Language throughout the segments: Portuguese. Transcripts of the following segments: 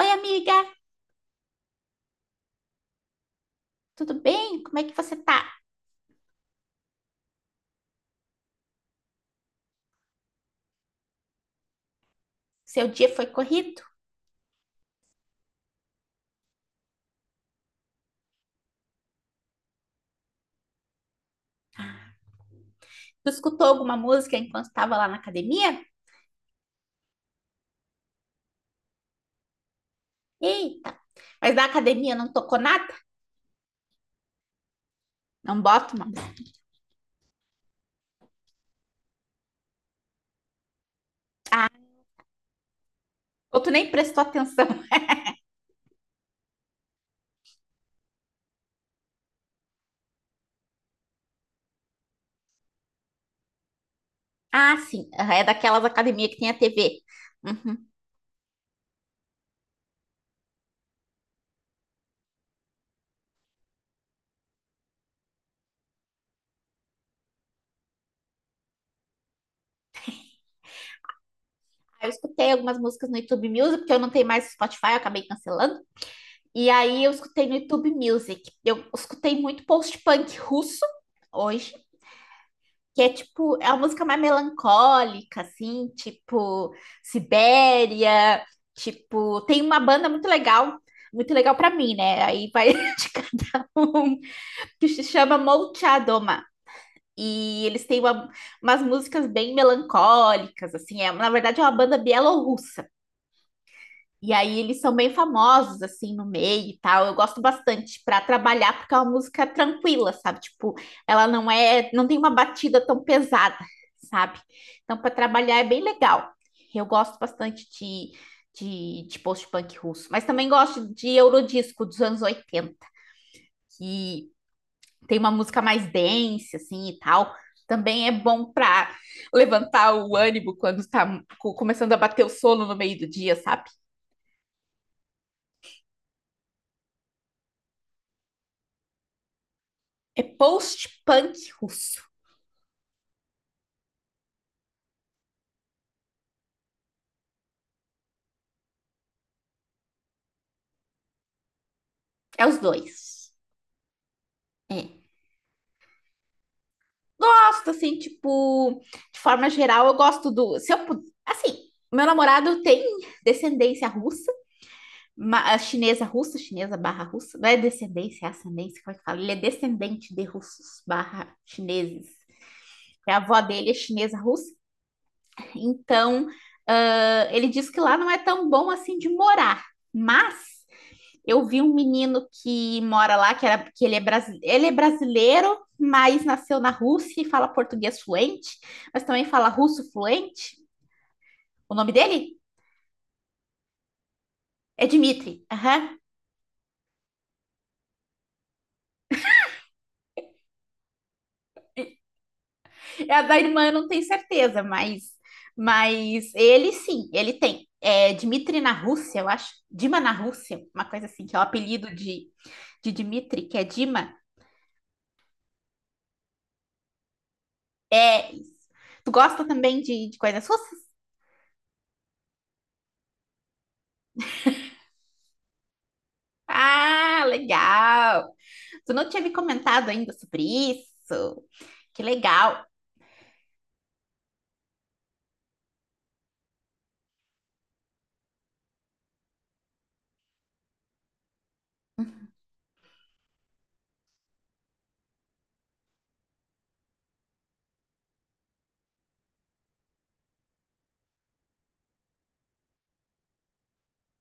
Oi, amiga, tudo bem? Como é que você tá? Seu dia foi corrido? Tu escutou alguma música enquanto estava lá na academia? Eita, mas na academia não tocou nada? Não bota uma música. Ou tu nem prestou atenção? Ah, sim, aham, é daquelas academias que tem a TV. Uhum. Eu escutei algumas músicas no YouTube Music, porque eu não tenho mais Spotify, eu acabei cancelando. E aí eu escutei no YouTube Music. Eu escutei muito post-punk russo hoje, que é tipo, é uma música mais melancólica, assim, tipo Sibéria, tipo, tem uma banda muito legal pra mim, né? Aí vai indicar um que se chama Molchadoma. E eles têm umas músicas bem melancólicas, assim, é, na verdade é uma banda bielorrussa. E aí eles são bem famosos, assim, no meio e tal. Eu gosto bastante para trabalhar, porque é uma música tranquila, sabe? Tipo, ela não é, não tem uma batida tão pesada, sabe? Então, para trabalhar é bem legal. Eu gosto bastante de, de post-punk russo, mas também gosto de Eurodisco dos anos 80, que tem uma música mais dance, assim, e tal. Também é bom para levantar o ânimo quando está começando a bater o sono no meio do dia, sabe? É post-punk russo. É os dois. É. Gosto, assim, tipo, de forma geral, eu gosto do. Se eu, assim, meu namorado tem descendência russa, chinesa barra russa. Não é descendência, é ascendência, como é que fala? Ele é descendente de russos barra chineses. É. A avó dele é chinesa russa. Então, ah, ele diz que lá não é tão bom assim de morar. Mas eu vi um menino que mora lá, que, era, que ele, é brasi- ele é brasileiro, mas nasceu na Rússia e fala português fluente, mas também fala russo fluente. O nome dele é Dmitry. Aham. É a da irmã, eu não tenho certeza, mas ele sim, ele tem. É Dmitry na Rússia, eu acho. Dima na Rússia, uma coisa assim, que é o apelido de Dmitry, que é Dima. É isso. Tu gosta também de coisas russas? Ah, legal! Tu não tinha me comentado ainda sobre isso? Que legal.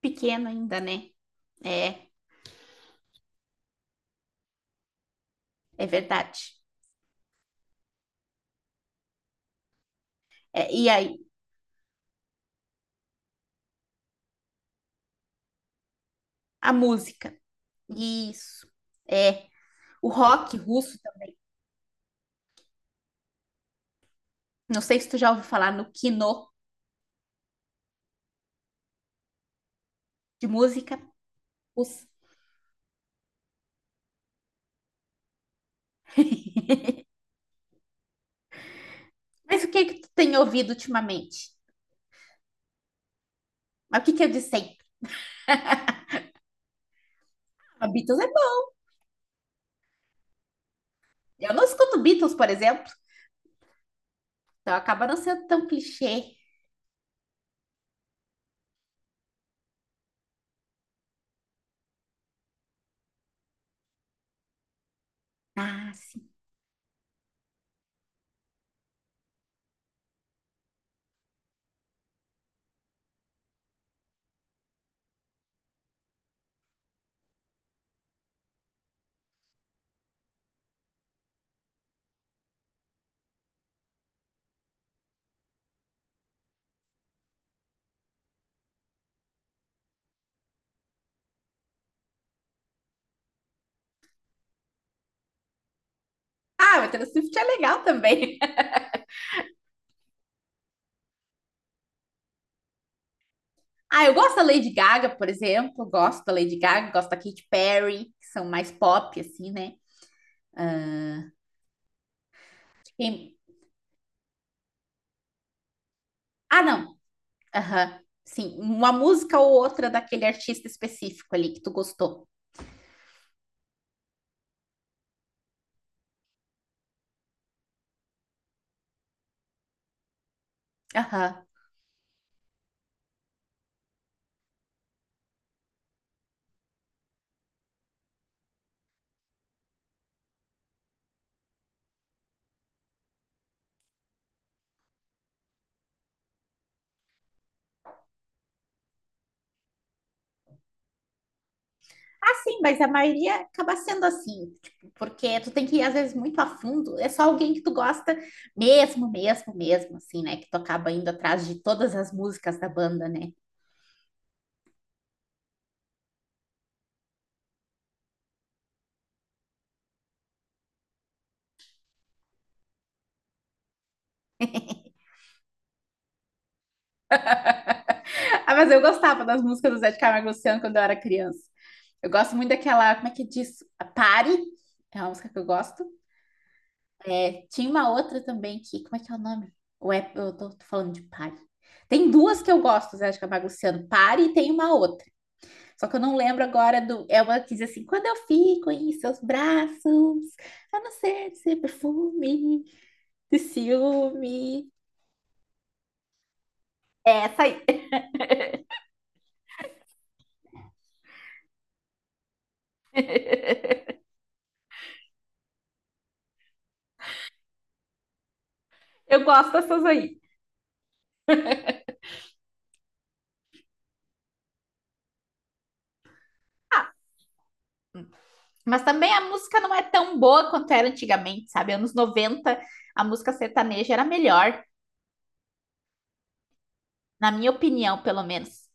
Pequeno ainda, né? É, é verdade. É, e aí, a música. Isso. É. O rock russo, não sei se tu já ouviu falar no kino de música russa. Mas o que que tu tem ouvido ultimamente? Mas o que que eu disse aí? Ah, Beatles é bom. Eu não escuto Beatles, por exemplo. Então acaba não sendo tão clichê. Ah, sim. Ah, o Taylor Swift é legal também. Ah, eu gosto da Lady Gaga, por exemplo. Gosto da Lady Gaga, gosto da Katy Perry, que são mais pop, assim, né? Quem- Ah, não. Aham. Sim, uma música ou outra daquele artista específico ali que tu gostou. Aham. Ah, sim, mas a maioria acaba sendo assim, tipo, porque tu tem que ir, às vezes, muito a fundo. É só alguém que tu gosta mesmo, mesmo, mesmo, assim, né? Que tu acaba indo atrás de todas as músicas da banda, né? Ah, mas eu gostava das músicas do Zé de Camargo e Luciano quando eu era criança. Eu gosto muito daquela, como é que diz? A Pare, é uma música que eu gosto. É, tinha uma outra também que, como é que é o nome? Ou é, eu tô falando de Pare. Tem duas que eu gosto, Zé de Camargo e Luciano, Pare e tem uma outra. Só que eu não lembro agora do. É uma que diz assim: quando eu fico em seus braços, a não ser de ser perfume, de ciúme. É essa aí. Eu gosto dessas aí. Ah, mas também a música não é tão boa quanto era antigamente, sabe? Anos 90 a música sertaneja era melhor, na minha opinião, pelo menos.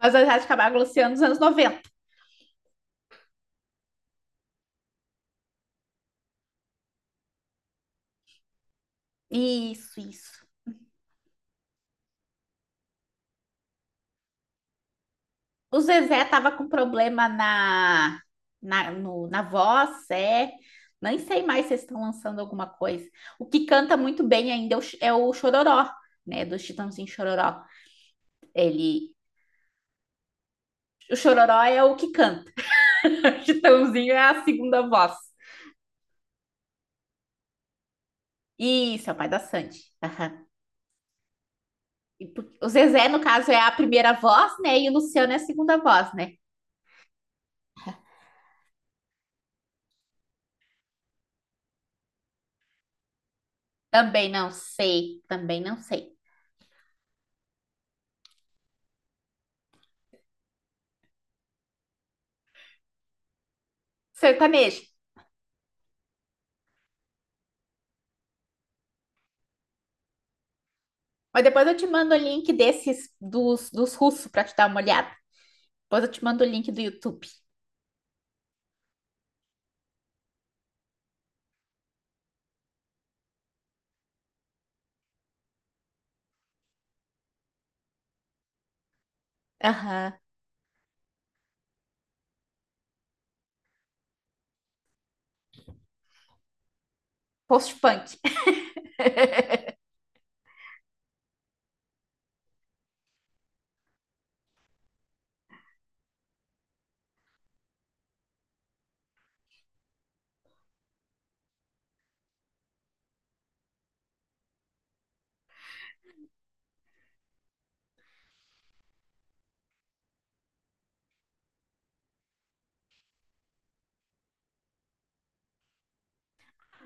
Mas a Rádio Camargo e Luciano dos anos 90? Isso, isso. O Zezé tava com problema na voz, é. Nem sei mais se eles estão lançando alguma coisa. O que canta muito bem ainda é o Chororó, né? Do Chitãozinho Chororó. Ele. O Chororó é o que canta. O Chitãozinho é a segunda voz. Isso, é o pai da Sandy. Aham. O Zezé, no caso, é a primeira voz, né? E o Luciano é a segunda voz, né? Também não sei, também não sei. Sertanejo. Mas depois eu te mando o link desses dos russos pra te dar uma olhada. Depois eu te mando o link do YouTube. Aham. Post-punk.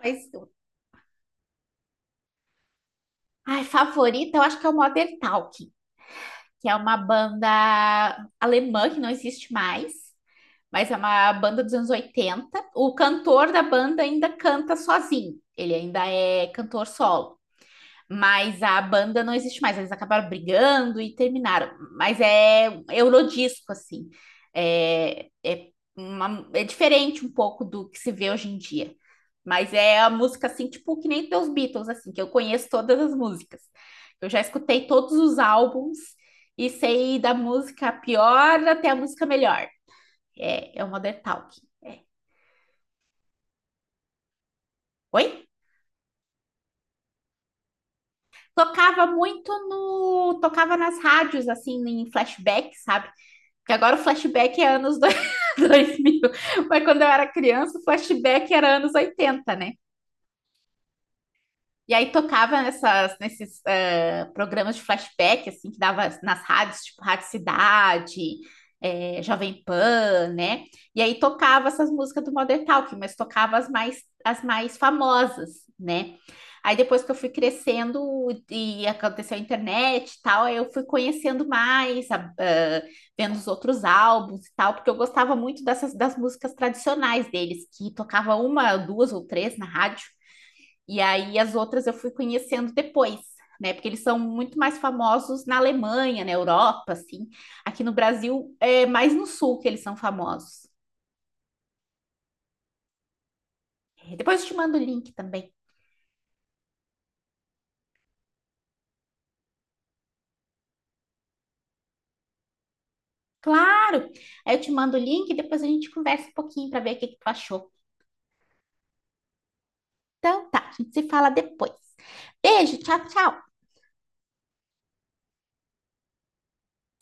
Mas, ai, favorita, eu acho que é o Modern Talking, que é uma banda alemã que não existe mais. Mas é uma banda dos anos 80. O cantor da banda ainda canta sozinho, ele ainda é cantor solo. Mas a banda não existe mais, eles acabaram brigando e terminaram. Mas é um eurodisco, assim. É, é, é diferente um pouco do que se vê hoje em dia. Mas é a música, assim, tipo, que nem dos Beatles, assim, que eu conheço todas as músicas. Eu já escutei todos os álbuns e sei da música pior até a música melhor. É, é o Modern Talk. É. Oi? Tocava muito no. Tocava nas rádios, assim, em flashback, sabe? Porque agora o flashback é anos 2000. Mas quando eu era criança, o flashback era anos 80, né? E aí tocava nessas, nesses programas de flashback, assim, que dava nas rádios, tipo Rádio Cidade, Jovem Pan, né? E aí tocava essas músicas do Modern Talking, mas tocava as mais famosas, né? Aí depois que eu fui crescendo e aconteceu a internet e tal, aí eu fui conhecendo mais, vendo os outros álbuns e tal, porque eu gostava muito dessas das músicas tradicionais deles, que tocava uma, duas ou três na rádio. E aí as outras eu fui conhecendo depois, né? Porque eles são muito mais famosos na Alemanha, na Europa, assim. Aqui no Brasil é mais no sul que eles são famosos. É, depois eu te mando o link também. Claro! Aí eu te mando o link e depois a gente conversa um pouquinho para ver o que que tu achou. Então tá, a gente se fala depois. Beijo, tchau, tchau!